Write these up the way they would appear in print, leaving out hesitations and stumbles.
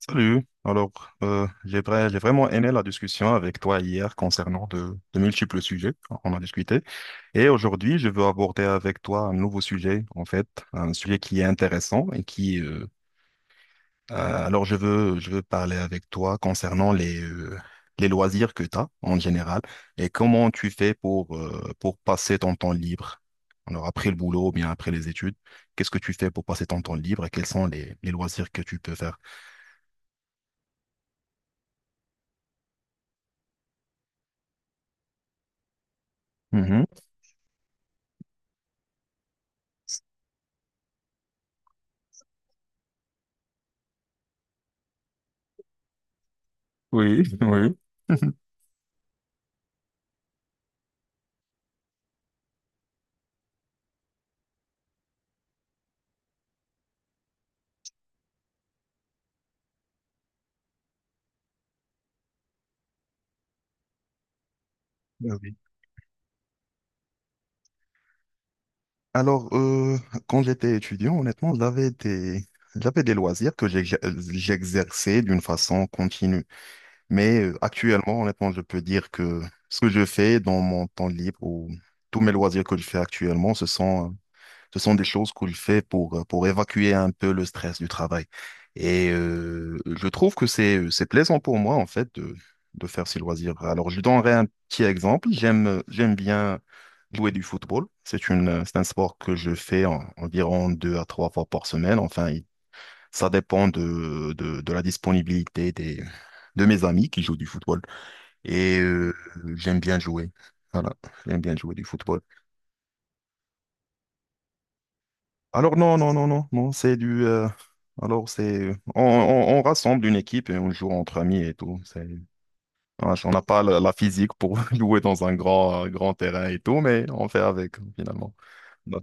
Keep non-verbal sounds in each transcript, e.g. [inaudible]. Salut. Alors, j'ai vraiment aimé la discussion avec toi hier concernant de multiples sujets. On a discuté. Et aujourd'hui, je veux aborder avec toi un nouveau sujet, en fait, un sujet qui est intéressant et alors je veux parler avec toi concernant les loisirs que tu as en général et comment tu fais pour pour passer ton temps libre. Alors, après le boulot ou bien après les études, qu'est-ce que tu fais pour passer ton temps libre et quels sont les loisirs que tu peux faire? Mhm. Oui, [laughs] oui. Ah oui. Alors, quand j'étais étudiant, honnêtement, j'avais des loisirs que j'exerçais d'une façon continue. Mais actuellement, honnêtement, je peux dire que ce que je fais dans mon temps libre ou tous mes loisirs que je fais actuellement, ce sont des choses qu'il fait pour évacuer un peu le stress du travail. Et je trouve que c'est plaisant pour moi, en fait, de faire ces loisirs. Alors, je donnerai un petit exemple. J'aime bien jouer du football. C'est un sport que je fais environ deux à trois fois par semaine. Enfin, ça dépend de la disponibilité de mes amis qui jouent du football. Et j'aime bien jouer. Voilà, j'aime bien jouer du football. Alors non, non, non, non, non, alors c'est... on rassemble une équipe et on joue entre amis et tout. C'est, ah, on n'a pas la physique pour [laughs] jouer dans un grand terrain et tout, mais on fait avec finalement. Bon.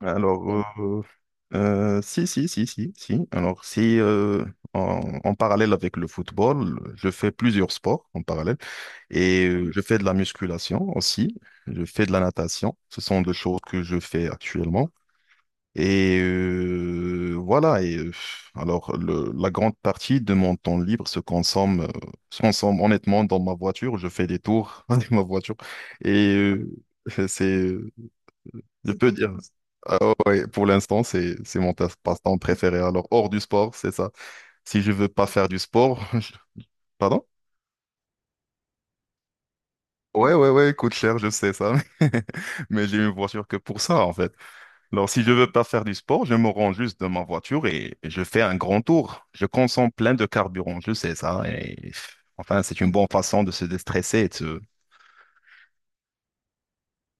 Alors, euh, si, si, si, si, si. Alors si, en, en parallèle avec le football, je fais plusieurs sports en parallèle et je fais de la musculation aussi. Je fais de la natation. Ce sont deux choses que je fais actuellement. Et euh, voilà, et euh, alors la grande partie de mon temps libre se consomme honnêtement dans ma voiture. Je fais des tours [laughs] avec ma voiture et [laughs] c'est, je peux dire, ah ouais, pour l'instant, c'est mon passe-temps préféré. Alors hors du sport, c'est ça. Si je veux pas faire du sport, [laughs] je- pardon? Ouais, ouais, ouais, coûte cher, je sais ça, [laughs] mais j'ai une voiture que pour ça en fait. Alors, si je veux pas faire du sport, je me rends juste dans ma voiture et je fais un grand tour. Je consomme plein de carburant, je sais ça. Et enfin, c'est une bonne façon de se déstresser et de se...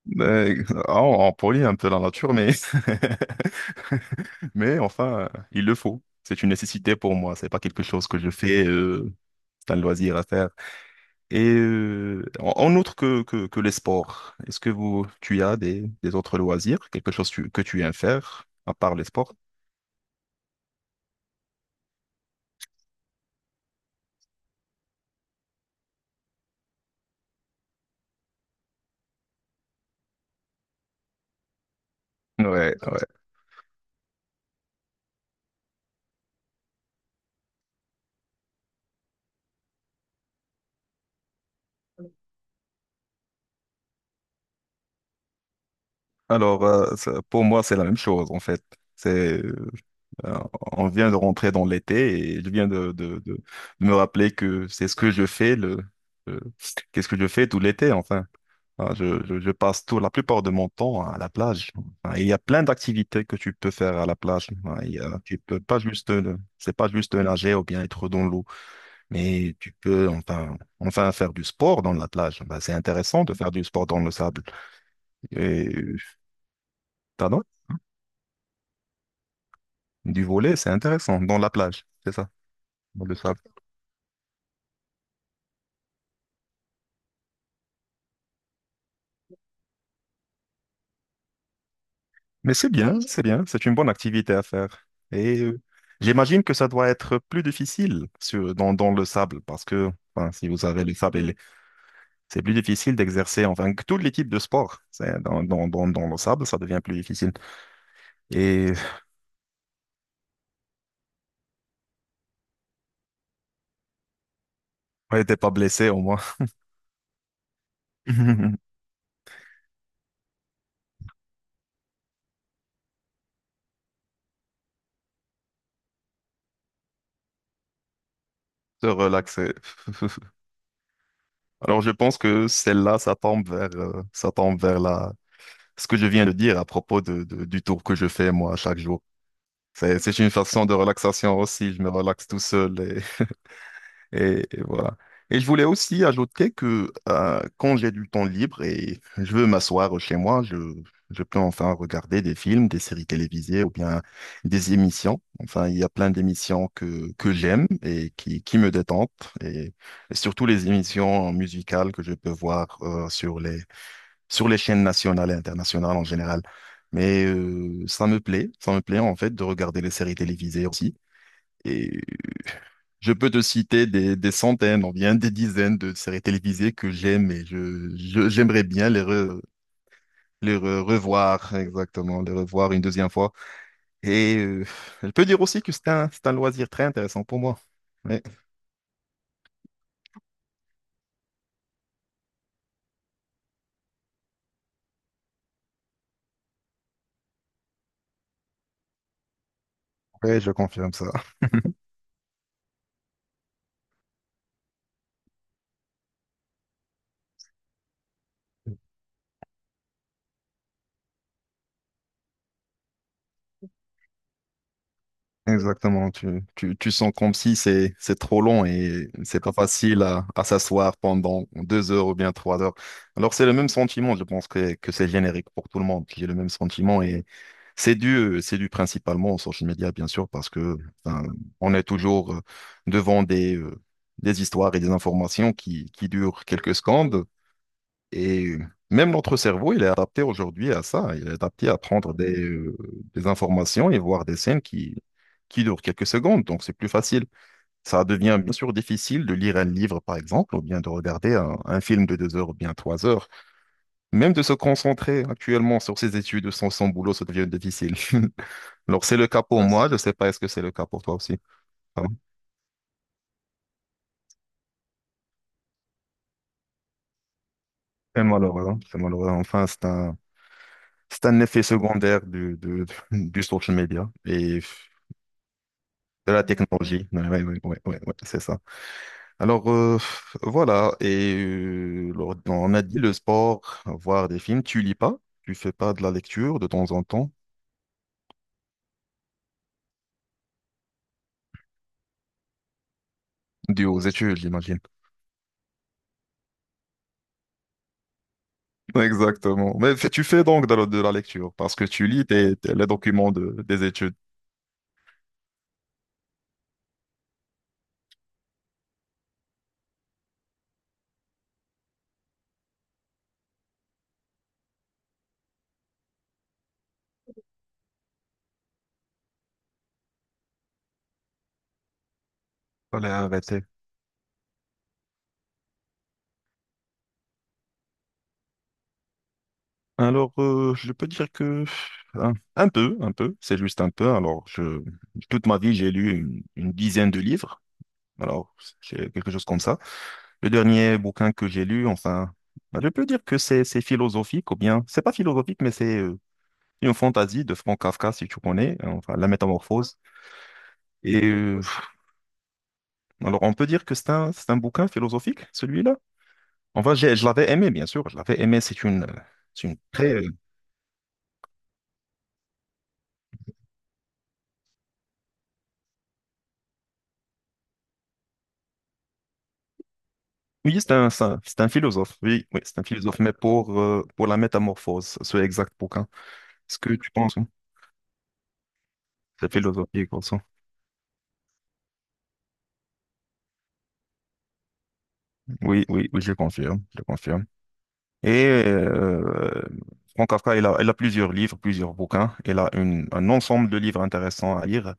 Mais- ah, on polie un peu la nature, mais [laughs] mais enfin, il le faut. C'est une nécessité pour moi. C'est pas quelque chose que je fais. C'est un loisir à faire. Et en en outre que les sports, est-ce que vous, tu as des autres loisirs, quelque chose que tu aimes faire à part les sports? Ouais, ouais. Alors, ça- pour moi, c'est la même chose, en fait. C'est, euh, on vient de rentrer dans l'été et je viens de me rappeler que c'est ce que je fais le- qu'est-ce que je fais tout l'été, enfin. Ah, je, je passe tout, la plupart de mon temps à la plage. Ah, il y a plein d'activités que tu peux faire à la plage. Ah, il y a- tu peux pas juste, c'est pas juste nager ou bien être dans l'eau, mais tu peux enfin, enfin faire du sport dans la plage. Bah, c'est intéressant de faire du sport dans le sable. Et, pardon? Du volet, c'est intéressant, dans la plage, c'est ça, dans le sable. Mais c'est bien, oui, c'est bien, c'est une bonne activité à faire. Et j'imagine que ça doit être plus difficile sur, dans le sable, parce que enfin, si vous avez le sable, il c'est plus difficile d'exercer, enfin, que tous les types de sports. C'est- dans le sable, ça devient plus difficile. Et ouais, t'es pas blessé au moins. [laughs] Se relaxer. Alors je pense que celle-là, ça tombe vers la... ce que je viens de dire à propos du tour que je fais moi chaque jour. C'est une façon de relaxation aussi. Je me relaxe tout seul et, [laughs] et voilà. Et je voulais aussi ajouter que quand j'ai du temps libre et je veux m'asseoir chez moi, je peux enfin regarder des films, des séries télévisées ou bien des émissions. Enfin, il y a plein d'émissions que j'aime et qui me détendent et, et surtout les émissions musicales que je peux voir sur sur les chaînes nationales et internationales en général. Mais ça me plaît en fait de regarder les séries télévisées aussi. Et je peux te citer des centaines, ou bien des dizaines de séries télévisées que j'aime et j'aimerais bien revoir, exactement, les revoir une deuxième fois. Et je peux dire aussi que c'est un loisir très intéressant pour moi. Oui, je confirme ça. Exactement, tu sens comme si c'est trop long et c'est pas facile à s'asseoir pendant deux heures ou bien trois heures. Alors c'est le même sentiment, je pense que c'est générique pour tout le monde. J'ai le même sentiment et c'est dû principalement aux social media, bien sûr, parce que enfin, on est toujours devant des histoires et des informations qui durent quelques secondes. Et même notre cerveau, il est adapté aujourd'hui à ça. Il est adapté à prendre des informations et voir des scènes qui durent quelques secondes. Donc, c'est plus facile. Ça devient bien sûr difficile de lire un livre, par exemple, ou bien de regarder un film de deux heures ou bien trois heures. Même de se concentrer actuellement sur ses études sans son boulot, ça devient difficile. [laughs] Alors, c'est le cas pour moi. Je ne sais pas, est-ce que c'est le cas pour toi aussi? Ah, c'est malheureux. Hein. C'est malheureux. Enfin, c'est un effet secondaire [laughs] du social media. Et de la technologie, oui, ouais, ouais, ouais, ouais, ouais, c'est ça. Alors, voilà, et on a dit le sport, voir des films, tu lis pas, tu fais pas de la lecture de temps en temps, dû aux études, j'imagine. [laughs] Exactement. Mais tu fais donc de la lecture, parce que tu lis les documents des études. Allez, arrêtez. Alors, je peux dire que un peu, c'est juste un peu. Alors, je, toute ma vie, j'ai lu une dizaine de livres. Alors, c'est quelque chose comme ça. Le dernier bouquin que j'ai lu, enfin, bah, je peux dire que c'est philosophique ou bien, c'est pas philosophique, mais c'est une fantaisie de Franz Kafka, si tu connais, hein, enfin, La Métamorphose. Et alors, on peut dire que c'est un bouquin philosophique, celui-là. Enfin, je l'avais aimé, bien sûr, je l'avais aimé. C'est une très oui, c'est un philosophe. Oui, oui, c'est un philosophe, mais pour la métamorphose, c'est exact pour quand? Est-ce que tu penses? Hein. C'est philosophique aussi. Oui, oui, oui, je confirme, je confirme. Et Franz Kafka, il a plusieurs livres, plusieurs bouquins. Il a un ensemble de livres intéressants à lire.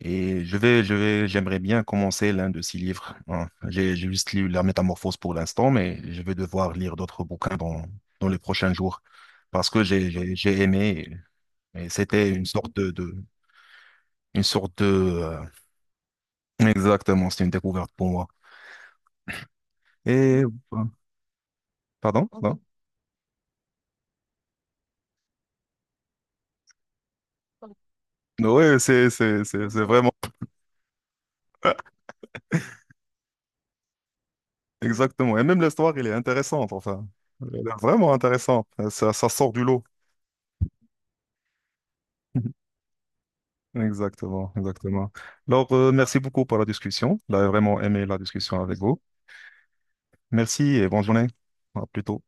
Et j'aimerais bien commencer l'un de ces livres. Hein. J'ai juste lu La Métamorphose pour l'instant, mais je vais devoir lire d'autres bouquins dans les prochains jours parce que j'ai aimé. Et c'était une sorte une sorte de, exactement, c'était une découverte pour moi. Et, euh, pardon, non? Oui, c'est vraiment, exactement. Et même l'histoire, elle est intéressante, enfin. Elle est vraiment intéressante. Ça, ça sort du lot. [laughs] Exactement, exactement. Alors, merci beaucoup pour la discussion. J'ai vraiment aimé la discussion avec vous. Merci et bonne journée. À plus tôt.